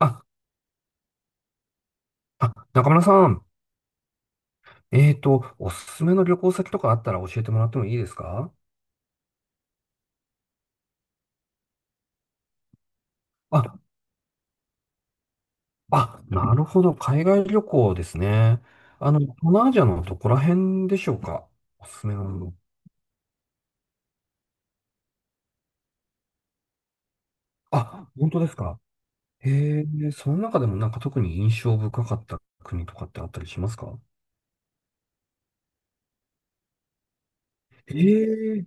あ、あ、中村さん、おすすめの旅行先とかあったら教えてもらってもいいですか？あ、あ、なるほど、海外旅行ですね。東南アジアのどこら辺でしょうか？おすすめの。あ、本当ですか？へえ、その中でもなんか特に印象深かった国とかってあったりしますか？へえ、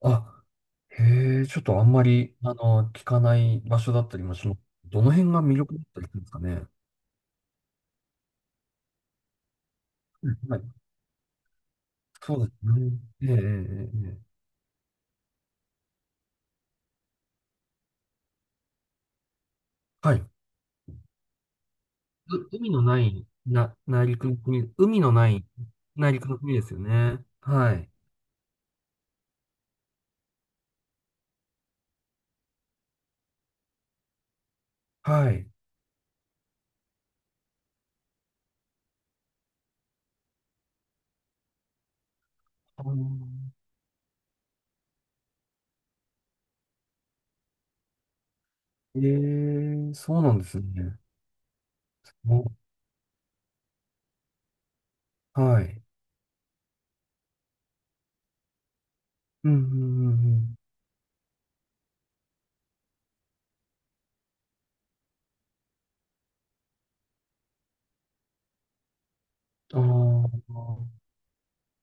あ、へえ、ちょっとあんまり、聞かない場所だったりもします。どの辺が魅力だったりするんですかね。うんはい、そうですね。ええ、ええ、ええはい。海のない、内陸の国、海のない、内陸の国ですよね。はい。はい。あーええ、そうなんですね。お、はい。うん、うん、うん。うんああ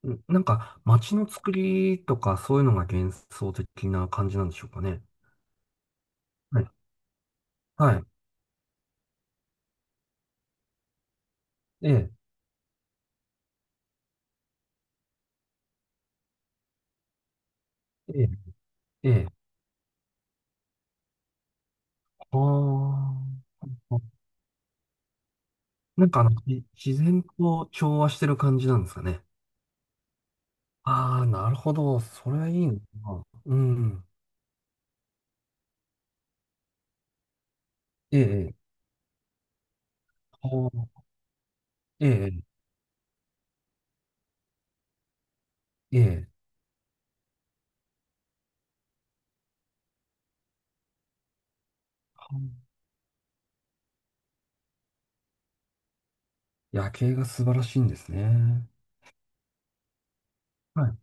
うん、なんか、街の作りとか、そういうのが幻想的な感じなんでしょうかね。はい。はい。ええ、ええ、ええ。ああ。なんか自然と調和してる感じなんですかね。ああ、なるほど。それはいいのかな。うん。ええ、ほうええ、ええ。ほう夜景が素晴らしいんですね。はい。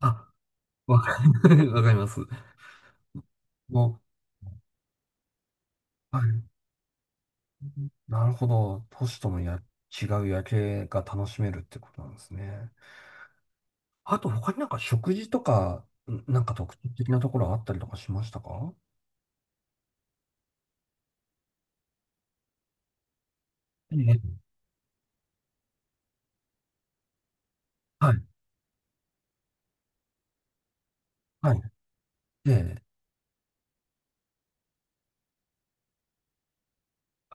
あ、わかり、わかります。もう、はい。なるほど。都市との違う夜景が楽しめるってことなんですね。あと、他になんか食事とか、なんか特徴的なところあったりとかしましたか？ええ。はい。はい。ええ。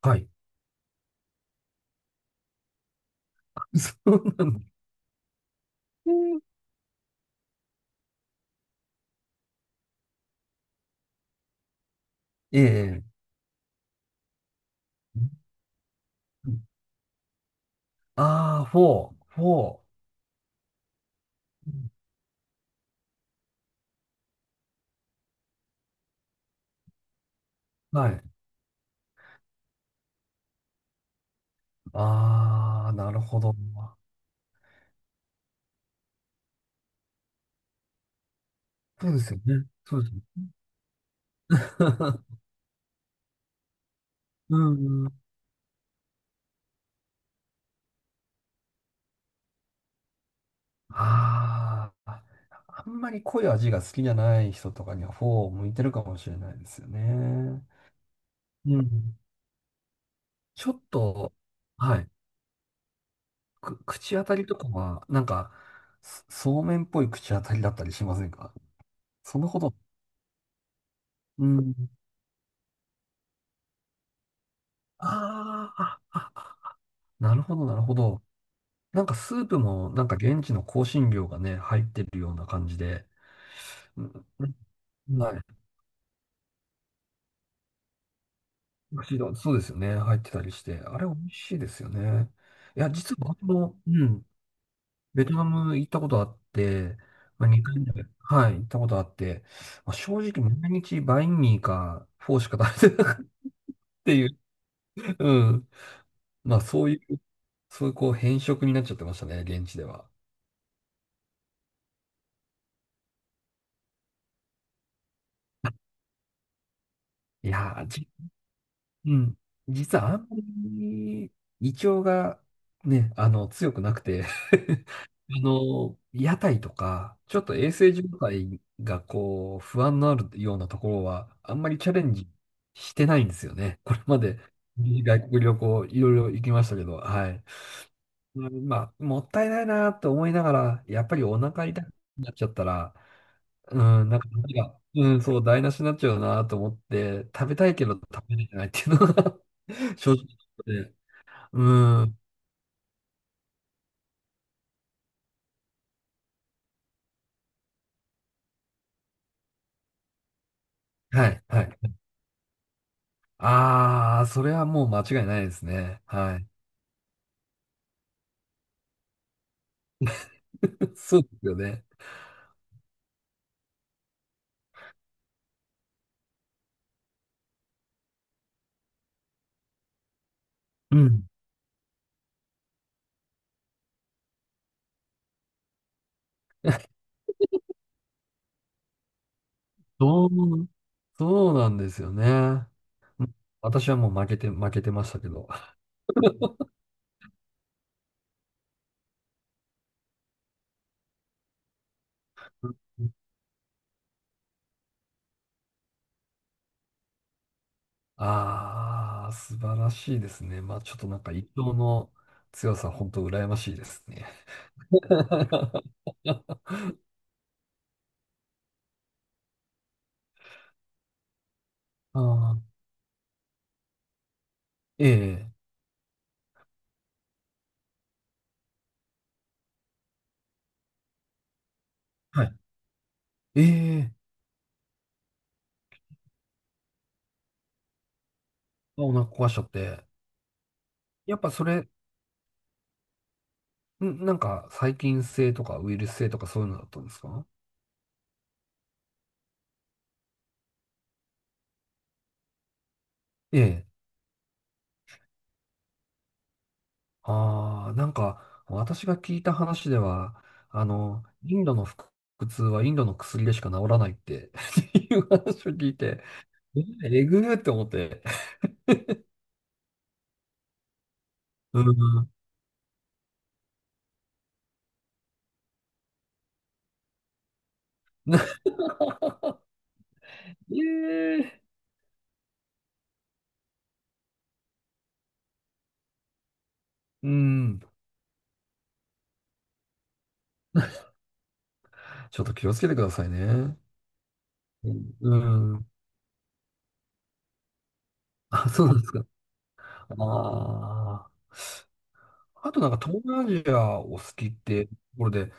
はい。そうなんだ。ええ。ああ、フォー、フォーはい。ああ、なるほど。そうですよね。そうですね。うんうん。ああ、あんまり濃い味が好きじゃない人とかにはフォーを向いてるかもしれないですよね。うん。ちょっと、はい。口当たりとかは、なんか、そうめんっぽい口当たりだったりしませんか？そのこと。うん。あーあ、あ、あなるほど、なるほど。なんかスープもなんか現地の香辛料がね、入ってるような感じで、うん、うんはい。美味しいのそうですよね。入ってたりして。あれ美味しいですよね。いや、実は僕も、うん、ベトナム行ったことあって、まあ、2回はい、行ったことあって、まあ、正直毎日バインミーかフォーしか食べてなかったっていう、うん。まあそういうこう変色になっちゃってましたね、現地では。いやー、うん。実はあんまり胃腸がね、強くなくて 屋台とか、ちょっと衛生状態がこう、不安のあるようなところは、あんまりチャレンジしてないんですよね。これまで外国旅行いろいろ行きましたけど、はい。うんまあ、もったいないなと思いながら、やっぱりお腹痛くなっちゃったら、うん、なんかうん、そう、台無しになっちゃうなと思って、食べたいけど食べれてないっていうのが 正直で、うん、はい、はい。ああ、それはもう間違いないですね。はい。そうですよね。うん。そう、そうなんですよね。うん私はもう負けてましたけど。ああー、素晴らしいですね。まあちょっとなんか一生の強さ、本当羨ましいですね。あーええ、はい。ええ、あお腹壊しちゃって。やっぱそれ、なんか細菌性とかウイルス性とかそういうのだったんですか？ええ。ああ、なんか私が聞いた話では、インドの腹痛はインドの薬でしか治らないって っていう話を聞いて、えええぐーって思って。うん。ええ、うん。ちょっと気をつけてくださいね。うん。うんあ、そうなんですか。ああ。あとなんか東南アジアお好きってところで、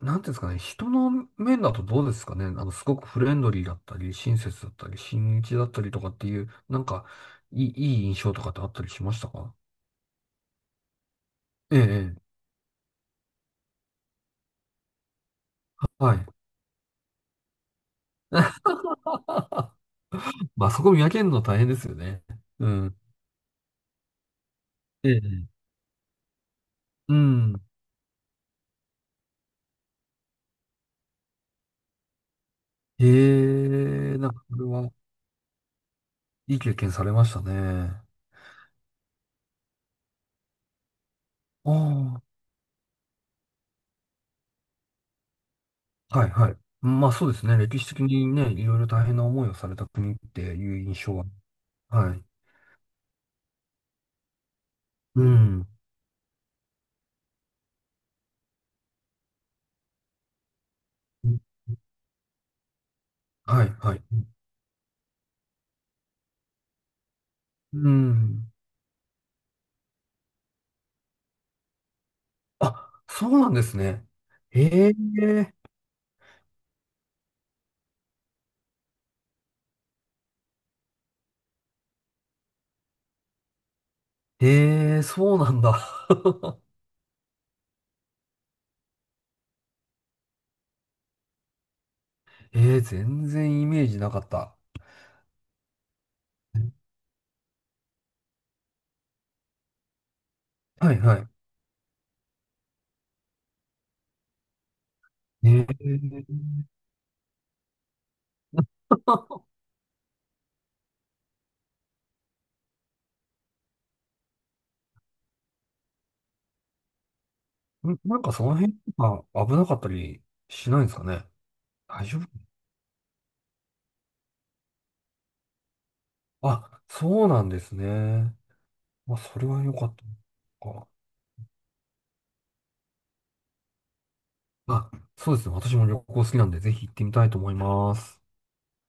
なんていうんですかね、人の面だとどうですかね、すごくフレンドリーだったり、親切だったり、親日だったりとかっていう、なんか、いい、いい印象とかってあったりしましたか？ええ、ええ、はい。まあそこ見分けるの大変ですよね。うん。ええ、うん。ええ、なんかこれはいい経験されましたね。ああ。はいはい。まあそうですね。歴史的にね、いろいろ大変な思いをされた国っていう印象は。はい。うん。はいはい。うん。あ、そうなんですね。ええええそうなんだ。ええ全然イメージなかった。はいはい。ええ なんかその辺とか危なかったりしないんですかね？大丈夫あ、そうなんですね。まあ、それは良かった。あ、そうですね。私も旅行好きなんで、ぜひ行ってみたいと思います。